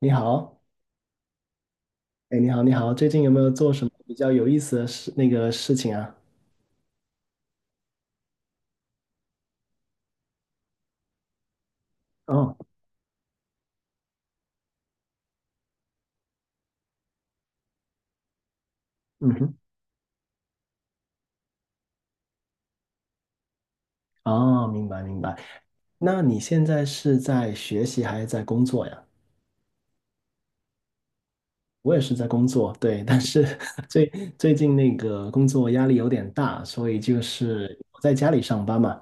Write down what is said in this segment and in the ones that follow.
你好，哎，你好，你好，最近有没有做什么比较有意思的事，那个事情啊？哦，嗯哼，哦，明白明白。那你现在是在学习还是在工作呀？我也是在工作，对，但是 最最近那个工作压力有点大，所以就是我在家里上班嘛，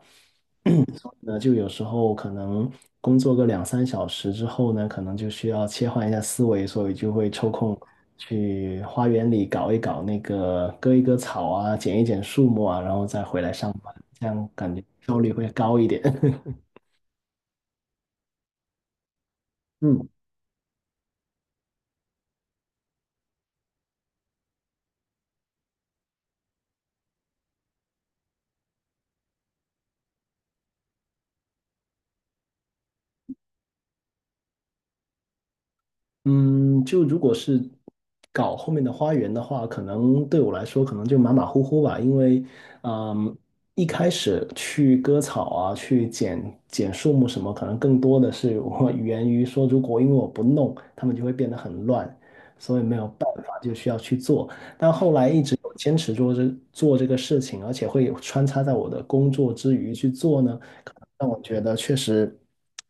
那就有时候可能工作个两三小时之后呢，可能就需要切换一下思维，所以就会抽空去花园里搞一搞那个割一割草啊，剪一剪树木啊，然后再回来上班，这样感觉效率会高一点。嗯嗯，就如果是搞后面的花园的话，可能对我来说可能就马马虎虎吧，因为，嗯，一开始去割草啊，去剪剪树木什么，可能更多的是我 源于说，如果因为我不弄，他们就会变得很乱，所以没有办法就需要去做。但后来一直有坚持做这个事情，而且会有穿插在我的工作之余去做呢，可能让我觉得确实，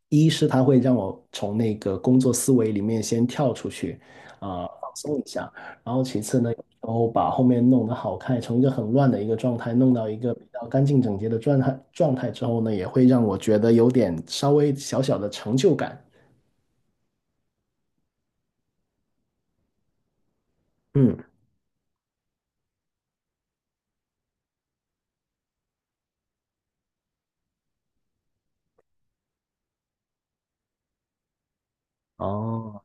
一是它会让我从那个工作思维里面先跳出去，啊、放松一下，然后其次呢，然后把后面弄得好看，从一个很乱的一个状态弄到一个比较干净整洁的状态之后呢，也会让我觉得有点稍微小小的成就感，嗯。哦，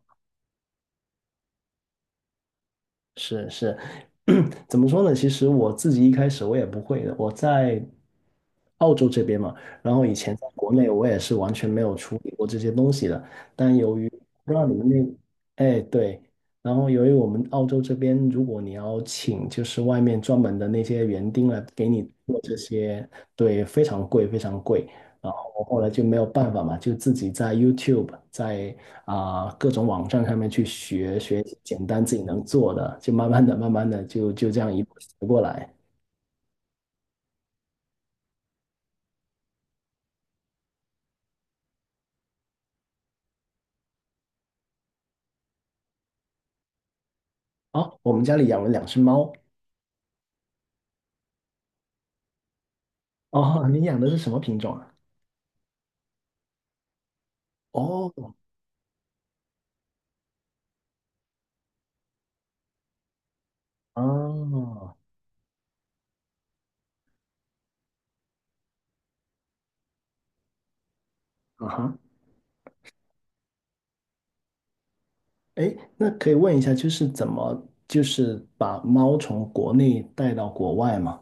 是是，怎么说呢？其实我自己一开始我也不会的，我在澳洲这边嘛，然后以前在国内我也是完全没有处理过这些东西的。但由于不知道你们那，哎对，然后由于我们澳洲这边，如果你要请就是外面专门的那些园丁来给你做这些，对，非常贵，非常贵。然后我后来就没有办法嘛，就自己在 YouTube 在啊、各种网站上面去学学简单自己能做的，就慢慢的、慢慢的就这样一步学过来。哦，我们家里养了两只猫。哦，你养的是什么品种啊？哦，哦，啊哈，哎，那可以问一下，就是怎么就是把猫从国内带到国外吗？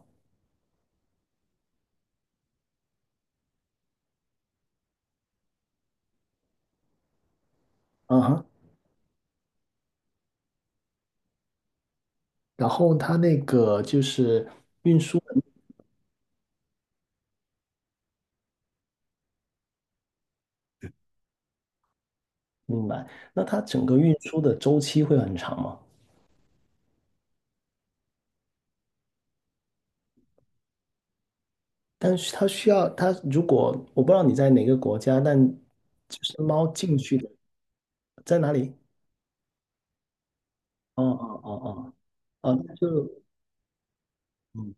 啊哈，然后它那个就是明白，那它整个运输的周期会很长吗？但是它需要它，如果我不知道你在哪个国家，但就是猫进去的在哪里？哦哦哦哦哦，那就嗯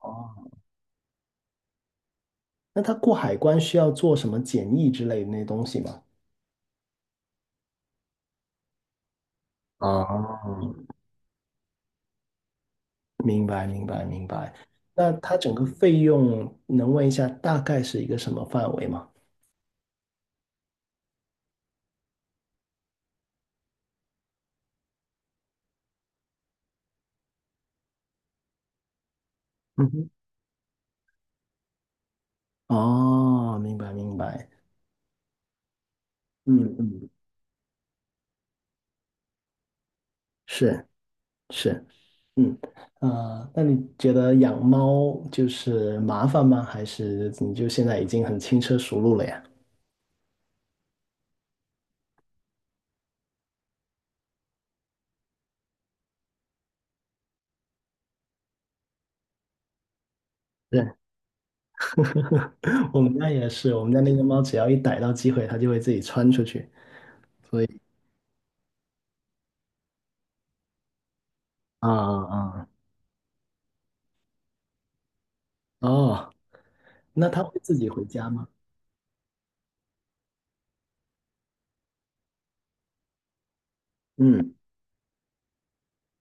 哦，那它过海关需要做什么检疫之类的那些东西吗？哦，明白明白明白。那它整个费用能问一下大概是一个什么范围吗？嗯哼，哦，明白明白，嗯嗯，是是。嗯，啊，那你觉得养猫就是麻烦吗？还是你就现在已经很轻车熟路了呀？对，我们家也是，我们家那只猫只要一逮到机会，它就会自己窜出去。啊啊啊，哦，那它会自己回家吗？嗯，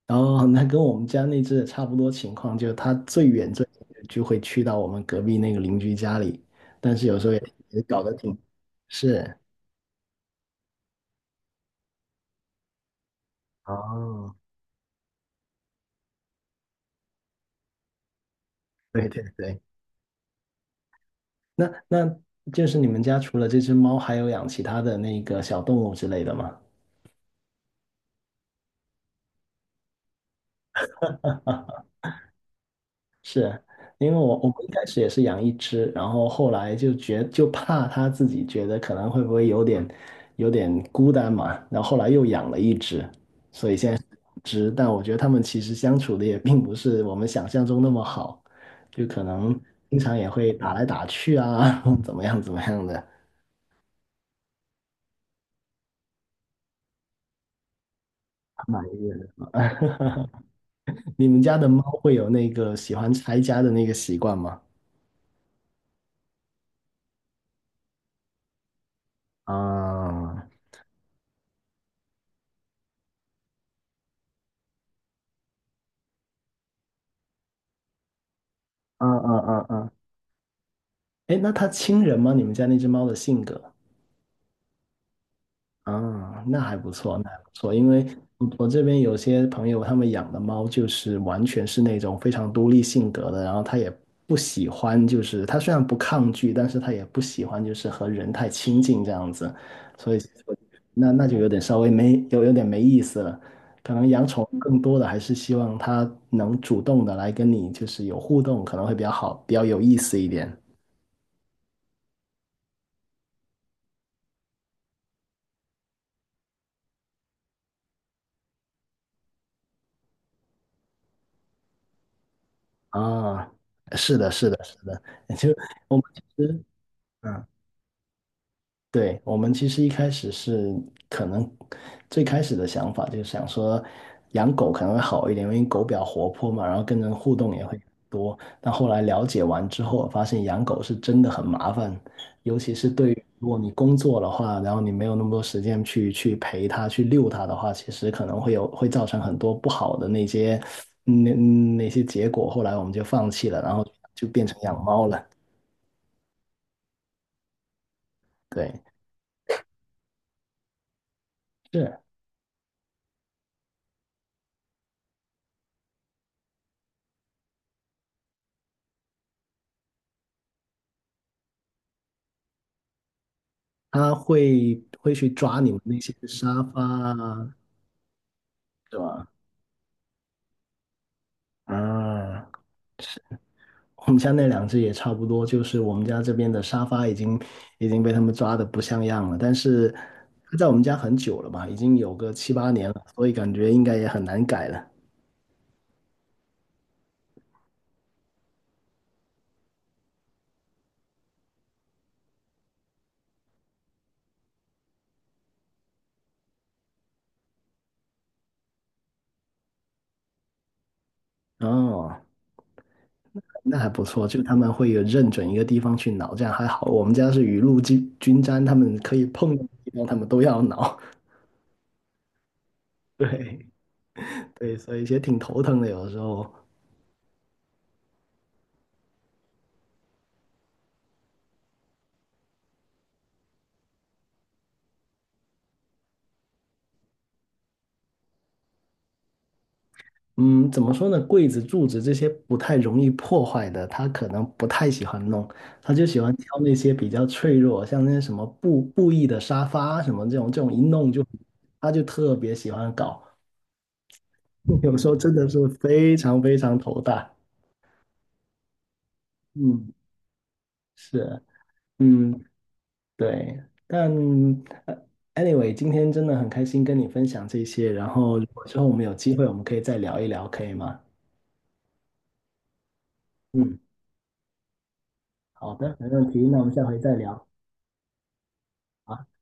哦，那跟我们家那只也差不多情况，就是它最远就会去到我们隔壁那个邻居家里，但是有时候也也搞得挺，是，哦，对对对，那那就是你们家除了这只猫，还有养其他的那个小动物之类的吗？因为我们一开始也是养一只，然后后来就觉就怕它自己觉得可能会不会有点有点孤单嘛，然后后来又养了一只，所以现在是两只，但我觉得它们其实相处的也并不是我们想象中那么好，就可能经常也会打来打去啊，怎么样怎么样的，蛮埋的。你们家的猫会有那个喜欢拆家的那个习惯吗？啊，啊啊啊啊！哎，那它亲人吗？你们家那只猫的性格？啊，那还不错，那还不错。因为我这边有些朋友，他们养的猫就是完全是那种非常独立性格的，然后它也不喜欢，就是它虽然不抗拒，但是它也不喜欢就是和人太亲近这样子，所以我那那就有点稍微没有有点没意思了。可能养宠物更多的还是希望它能主动的来跟你就是有互动，可能会比较好，比较有意思一点。啊，是的，是的，是的，就我们其实，嗯，对，我们其实一开始是可能最开始的想法就是想说养狗可能会好一点，因为狗比较活泼嘛，然后跟人互动也会多。但后来了解完之后，发现养狗是真的很麻烦，尤其是对于如果你工作的话，然后你没有那么多时间去陪它、去遛它的话，其实可能会有会造成很多不好的那些那嗯那些结果。后来我们就放弃了，然后就变成养猫了。对，是。他会去抓你们那些沙发啊，对吧？啊，是我们家那两只也差不多，就是我们家这边的沙发已经被他们抓的不像样了，但是它在我们家很久了吧，已经有个七八年了，所以感觉应该也很难改了。哦，那还不错，就他们会有认准一个地方去挠，这样还好。我们家是雨露均沾，他们可以碰的地方，他们都要挠。对对，所以也挺头疼的，有的时候。嗯，怎么说呢？柜子、柱子这些不太容易破坏的，他可能不太喜欢弄，他就喜欢挑那些比较脆弱，像那些什么布艺的沙发什么这种，这种一弄就，他就特别喜欢搞，有时候真的是非常非常头大。嗯，是，嗯，对，但呃 anyway，今天真的很开心跟你分享这些，然后如果之后我们有机会，我们可以再聊一聊，可以吗？嗯，好的，没问题，那我们下回再聊。好